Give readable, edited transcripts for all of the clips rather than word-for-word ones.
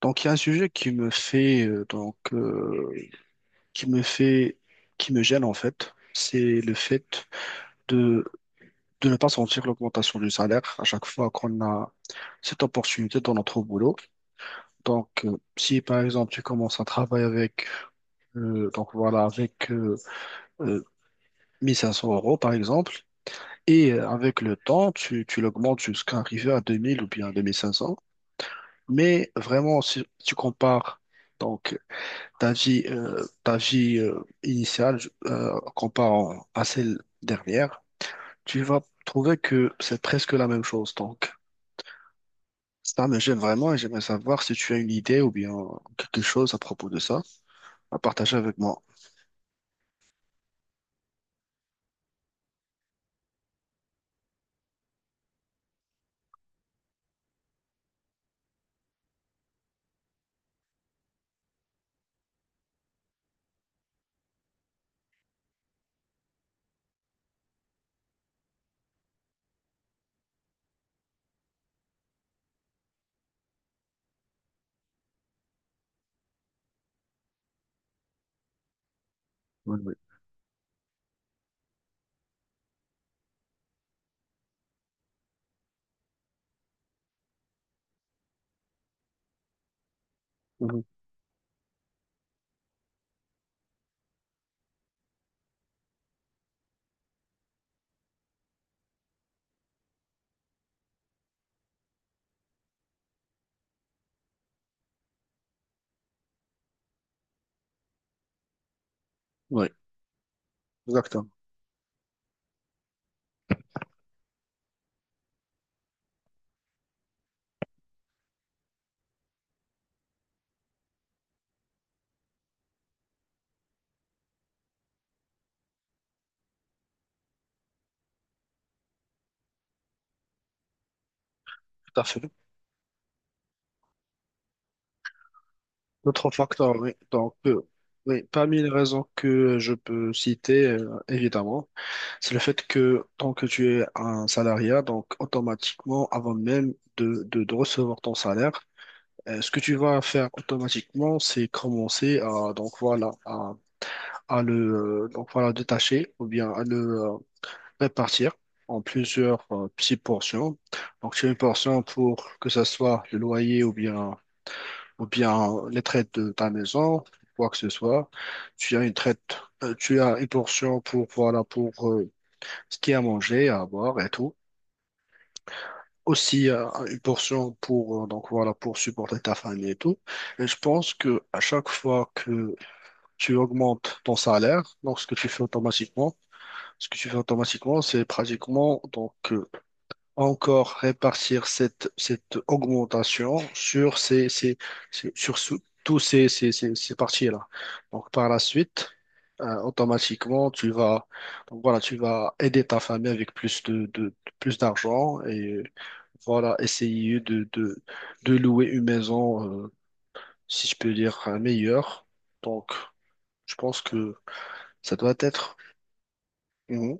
Donc, il y a un sujet qui me fait, qui me fait, qui me gêne en fait. C'est le fait de, de ne pas sentir l'augmentation du salaire à chaque fois qu'on a cette opportunité dans notre boulot. Donc, si par exemple tu commences un travail avec, donc voilà, avec euh, 1500 € par exemple, et avec le temps, tu l'augmentes jusqu'à arriver à 2000 ou bien 2500. Mais vraiment, si tu compares donc ta vie initiale, comparant à celle dernière, tu vas trouver que c'est presque la même chose. Donc, ça me gêne vraiment et j'aimerais savoir si tu as une idée ou bien quelque chose à propos de ça à partager avec moi. Oui, oui. Mhm. Oui, exactement. Tout à fait. D'autres facteurs, oui. Donc, oui, parmi les raisons que je peux citer, évidemment, c'est le fait que tant que tu es un salariat, donc automatiquement, avant même de recevoir ton salaire, ce que tu vas faire automatiquement, c'est commencer à donc voilà à le donc voilà détacher ou bien à le euh, répartir en plusieurs petites portions. Donc tu as une portion pour que ce soit le loyer ou bien les traites de ta maison, quoi que ce soit. Tu as une traite, tu as une portion pour voilà pour ce qui est à manger, à boire et tout. Aussi une portion pour donc voilà pour supporter ta famille et tout. Et je pense que à chaque fois que tu augmentes ton salaire, donc ce que tu fais automatiquement, c'est pratiquement donc encore répartir cette augmentation sur ces, ces, ces- sur sou- tous ces, ces, ces, ces parties-là. Donc, par la suite, automatiquement, donc voilà, tu vas aider ta famille avec plus plus d'argent et voilà, essayer de louer une maison, si je peux dire, meilleure. Donc, je pense que ça doit être. Mhm.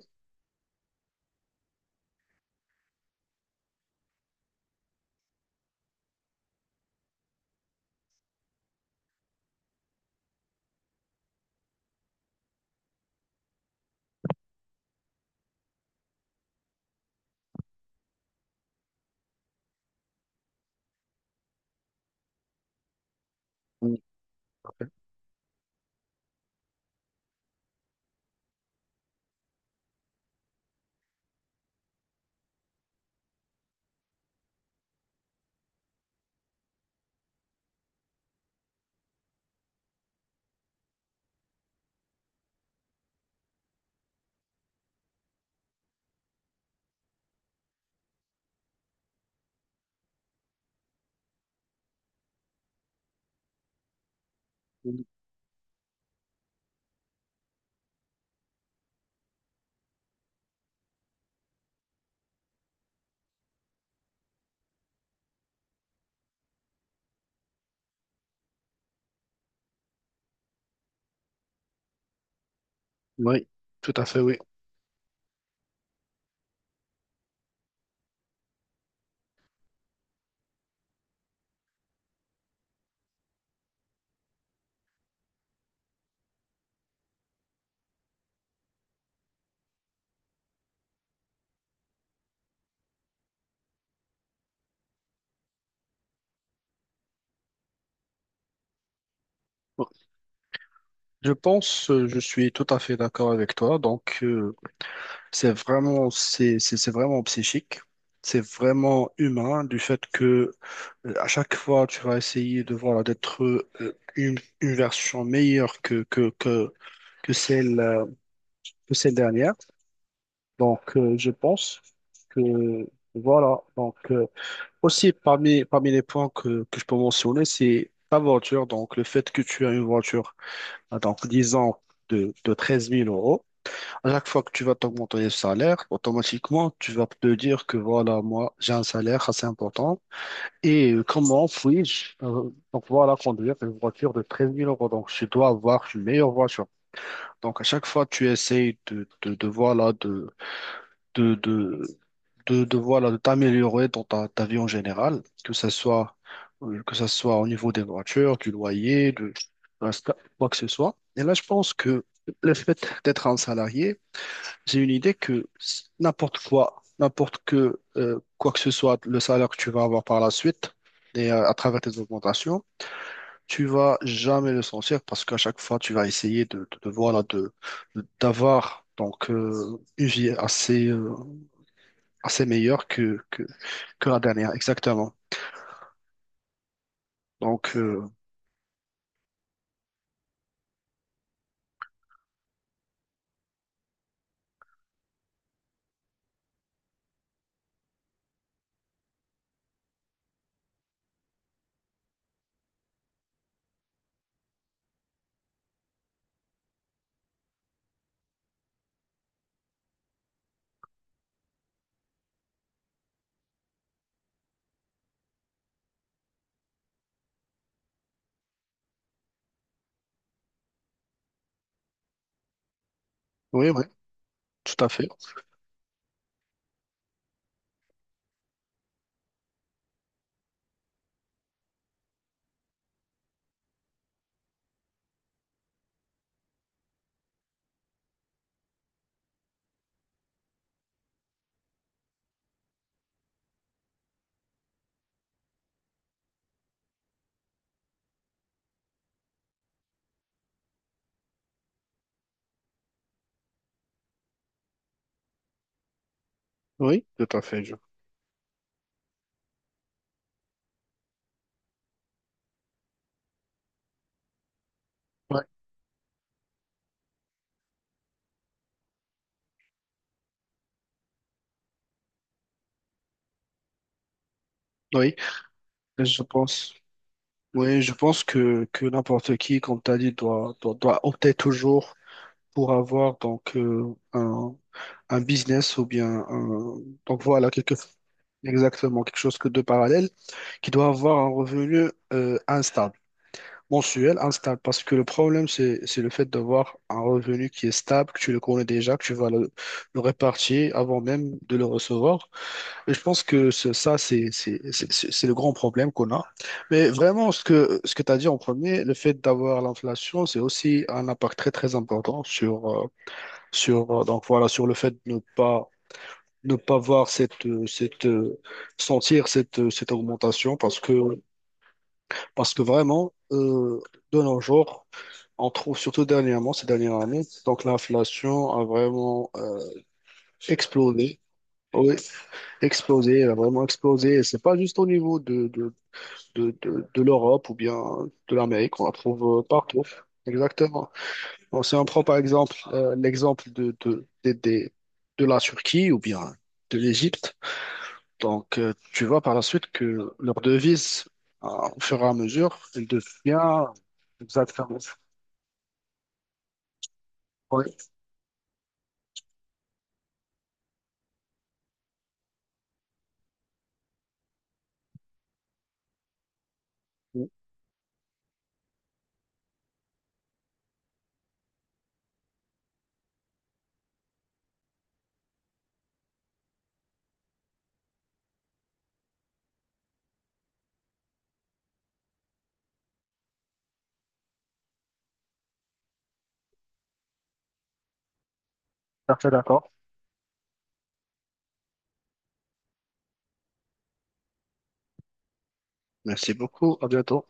Mhm. Oui, tout à fait, oui. Je pense, je suis tout à fait d'accord avec toi. Donc, c'est vraiment, c'est vraiment psychique. C'est vraiment humain du fait que à chaque fois, tu vas essayer de voilà, d'être une version meilleure que celle, euh, que celle dernière. Donc, je pense que voilà. Donc, aussi parmi les points que je peux mentionner, c'est ta voiture. Donc, le fait que tu as une voiture, à, donc, disons, de treize mille euros. À chaque fois que tu vas t'augmenter le salaire, automatiquement, tu vas te dire que voilà, moi, j'ai un salaire assez important. Et comment puis-je, donc voilà, conduire une voiture de treize mille euros. Donc, je dois avoir une meilleure voiture. Donc, à chaque fois, tu essayes de voilà, de, de, voilà, de t'améliorer dans ta, ta vie en général, que ça soit au niveau des voitures, du loyer, de la- quoi que ce soit. Et là, je pense que le fait d'être un salarié, j'ai une idée que s- n'importe quoi, n'importe que quoi que ce soit, le salaire que tu vas avoir par la suite et à travers tes augmentations, tu vas jamais le sentir parce qu'à chaque fois, tu vas essayer voilà d'avoir donc une vie assez assez meilleure que la dernière, exactement. Donc oui, oui, tout à fait, oui, tout à fait. Je... ouais, oui, je pense. Oui, je pense que n'importe qui, comme tu as dit, doit opter toujours pour avoir donc un business ou bien un- donc voilà quelque exactement quelque chose que de parallèle qui doit avoir un revenu instable, mensuel instable, parce que le problème c'est le fait d'avoir un revenu qui est stable, que tu le connais déjà, que tu vas le répartir avant même de le recevoir. Et je pense que ce- ça c'est le grand problème qu'on a. Mais vraiment ce que tu as dit en premier, le fait d'avoir l'inflation, c'est aussi un impact très très important sur sur, donc voilà, sur le fait de ne pas, ne pas voir cette, sentir cette augmentation parce que vraiment, de nos jours, on trouve surtout dernièrement, ces dernières années, donc l'inflation a vraiment explosé. Oui, explosé, elle a vraiment explosé. Et c'est pas juste au niveau de l'Europe ou bien de l'Amérique, on la trouve partout. Exactement. Bon, si on prend par exemple l'exemple de la Turquie ou bien de l'Égypte, donc tu vois par la suite que leur devise, euh, au fur et à mesure, elle devient exactement. Oui, tout à fait d'accord. Merci beaucoup, à bientôt.